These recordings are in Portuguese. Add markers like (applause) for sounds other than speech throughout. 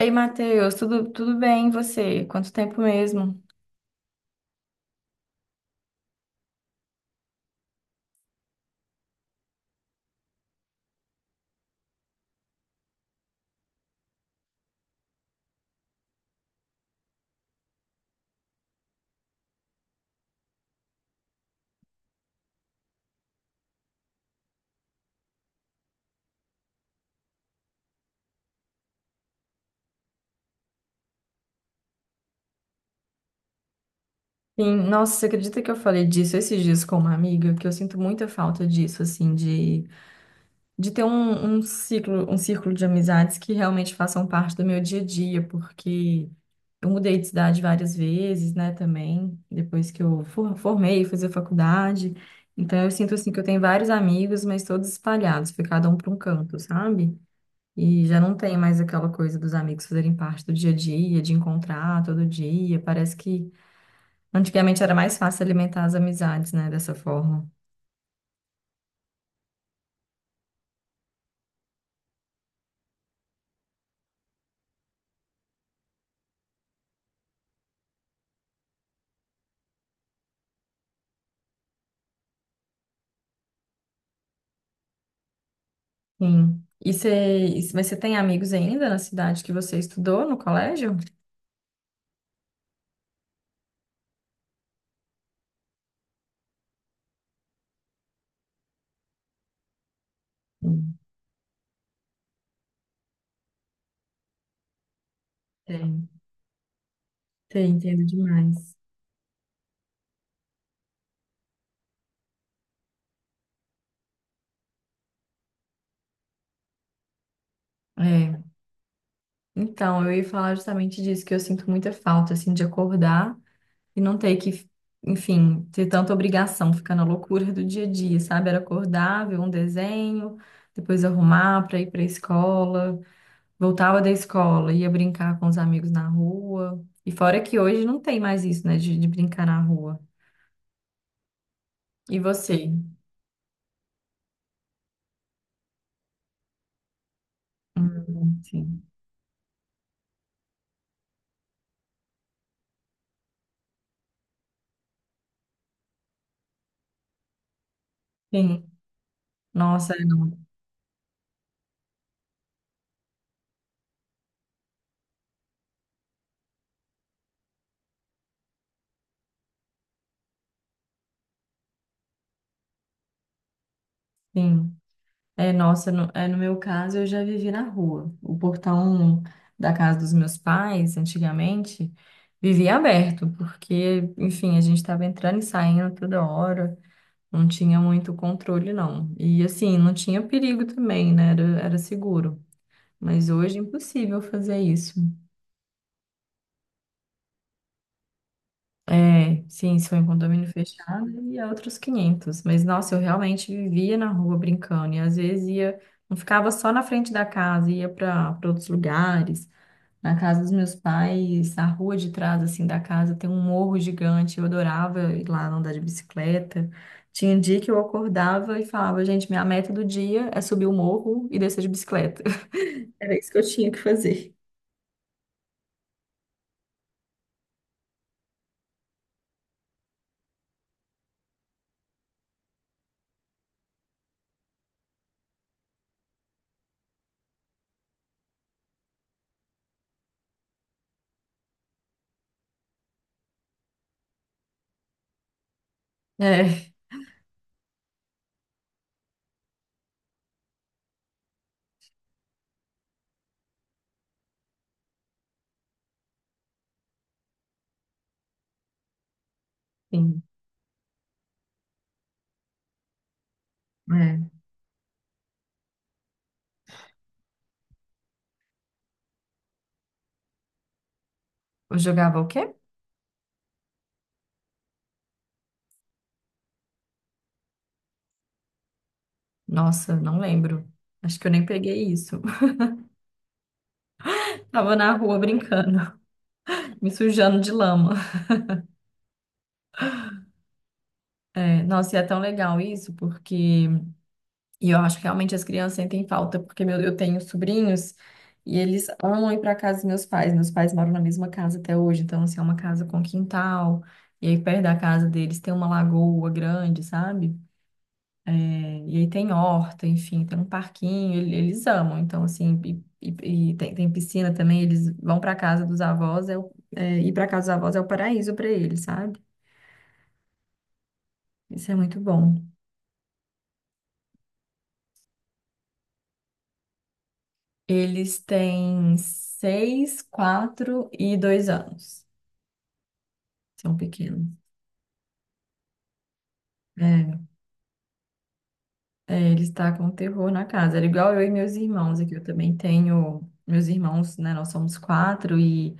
Ei, Matheus, tudo bem? E você? Quanto tempo mesmo? Sim, nossa, você acredita que eu falei disso esses dias com uma amiga? Que eu sinto muita falta disso, assim, de ter um ciclo, um círculo de amizades que realmente façam parte do meu dia a dia, porque eu mudei de cidade várias vezes, né, também, depois que eu formei, fui fazer faculdade. Então eu sinto, assim, que eu tenho vários amigos, mas todos espalhados, foi cada um para um canto, sabe? E já não tem mais aquela coisa dos amigos fazerem parte do dia a dia, de encontrar todo dia. Parece que antigamente era mais fácil alimentar as amizades, né, dessa forma. Sim. E você, mas você tem amigos ainda na cidade que você estudou no colégio? Sim. Tem, tem, entendo demais. É. Então, eu ia falar justamente disso, que eu sinto muita falta, assim, de acordar. E não ter que, enfim, ter tanta obrigação, ficar na loucura do dia a dia, sabe? Era acordar, ver um desenho, depois arrumar para ir para a escola, voltava da escola, ia brincar com os amigos na rua. E fora que hoje não tem mais isso, né, de brincar na rua. E você? Sim. Sim. Nossa, sim. É, nossa, no meu caso, eu já vivi na rua. O portão da casa dos meus pais, antigamente, vivia aberto, porque, enfim, a gente estava entrando e saindo toda hora, não tinha muito controle, não. E, assim, não tinha perigo também, né? Era seguro. Mas hoje é impossível fazer isso. É, sim, se for em condomínio fechado, e é outros quinhentos. Mas, nossa, eu realmente vivia na rua brincando, e às vezes ia. Não ficava só na frente da casa, ia para outros lugares. Na casa dos meus pais, a rua de trás, assim, da casa tem um morro gigante. Eu adorava ir lá andar de bicicleta. Tinha um dia que eu acordava e falava, gente, minha meta do dia é subir o morro e descer de bicicleta. (laughs) Era isso que eu tinha que fazer. É, sim. É. Eu jogava o quê? Nossa, não lembro. Acho que eu nem peguei isso. (laughs) Tava na rua brincando, (laughs) me sujando de lama. É, nossa, e é tão legal isso, porque e eu acho que realmente as crianças sentem falta, porque meu, eu tenho sobrinhos e eles amam ir para casa dos meus pais. Meus pais moram na mesma casa até hoje, então assim, é uma casa com quintal. E aí perto da casa deles tem uma lagoa grande, sabe? É, e aí tem horta, enfim, tem um parquinho, eles amam. Então assim, e tem, tem piscina também, eles vão para casa dos avós, ir para casa dos avós é o paraíso para eles, sabe? Isso é muito bom. Eles têm 6, 4 e 2 anos. São pequenos. É, ele está com terror na casa. Era igual eu e meus irmãos aqui. Eu também tenho meus irmãos, né? Nós somos quatro e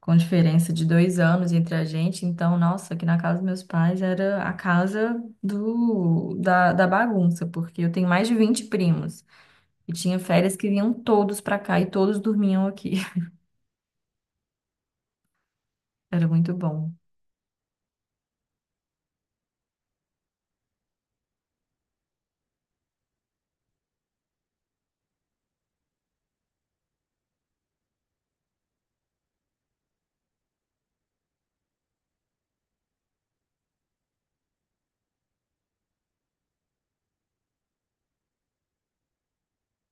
com diferença de 2 anos entre a gente. Então, nossa, aqui na casa dos meus pais era a casa da bagunça, porque eu tenho mais de 20 primos e tinha férias que vinham todos para cá e todos dormiam aqui. (laughs) Era muito bom.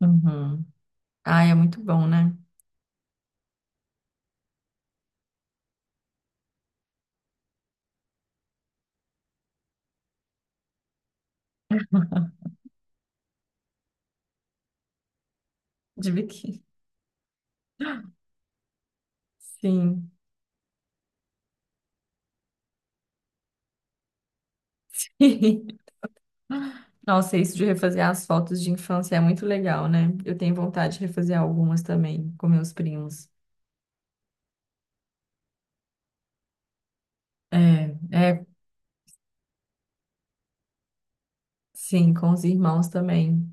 Uhum. Ai, é muito bom, né? Tive que. Sim. (laughs) Sim. Nossa, isso de refazer as fotos de infância é muito legal, né? Eu tenho vontade de refazer algumas também com meus primos. É, é, sim, com os irmãos também.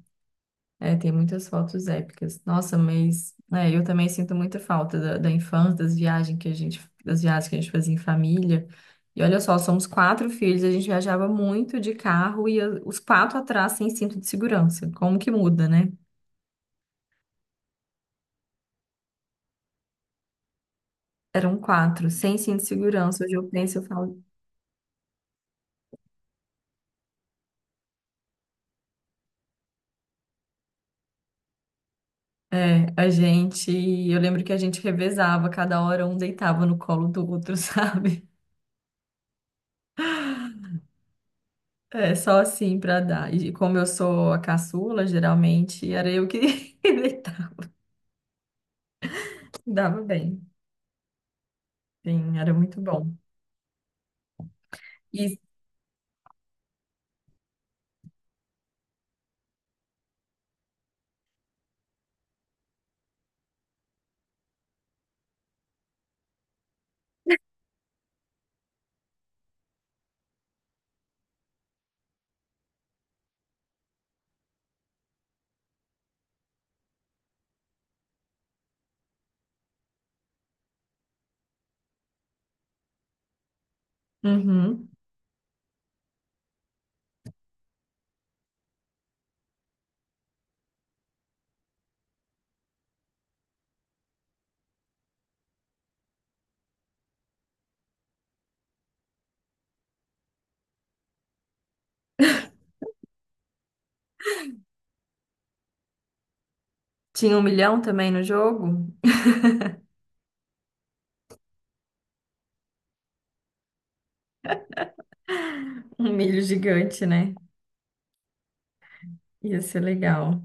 É, tem muitas fotos épicas. Nossa, mas é, eu também sinto muita falta da infância, das viagens que a gente fazia em família. E olha só, somos quatro filhos, a gente viajava muito de carro e os quatro atrás sem cinto de segurança. Como que muda, né? Eram quatro, sem cinto de segurança. Hoje eu penso, eu falo, é, a gente. Eu lembro que a gente revezava, cada hora um deitava no colo do outro, (laughs) sabe? É, só assim pra dar. E como eu sou a caçula, geralmente era eu que (laughs) deitava. Dava bem. Sim, era muito bom. E uhum. Tinha 1 milhão também no jogo? Um milho gigante, né? Ia ser legal.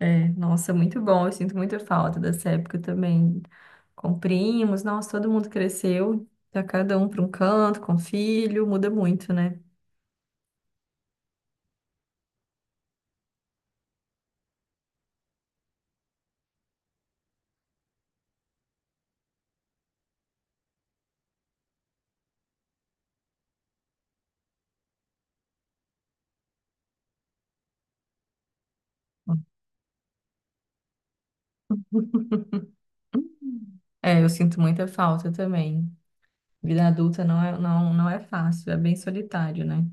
É, nossa, muito bom. Eu sinto muita falta dessa época também. Com primos, nossa, todo mundo cresceu. Tá cada um para um canto, com filho, muda muito, né? É, eu sinto muita falta também. Vida adulta não é fácil, é bem solitário, né?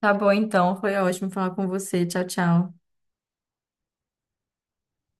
Tá bom, então, foi ótimo falar com você. Tchau, tchau.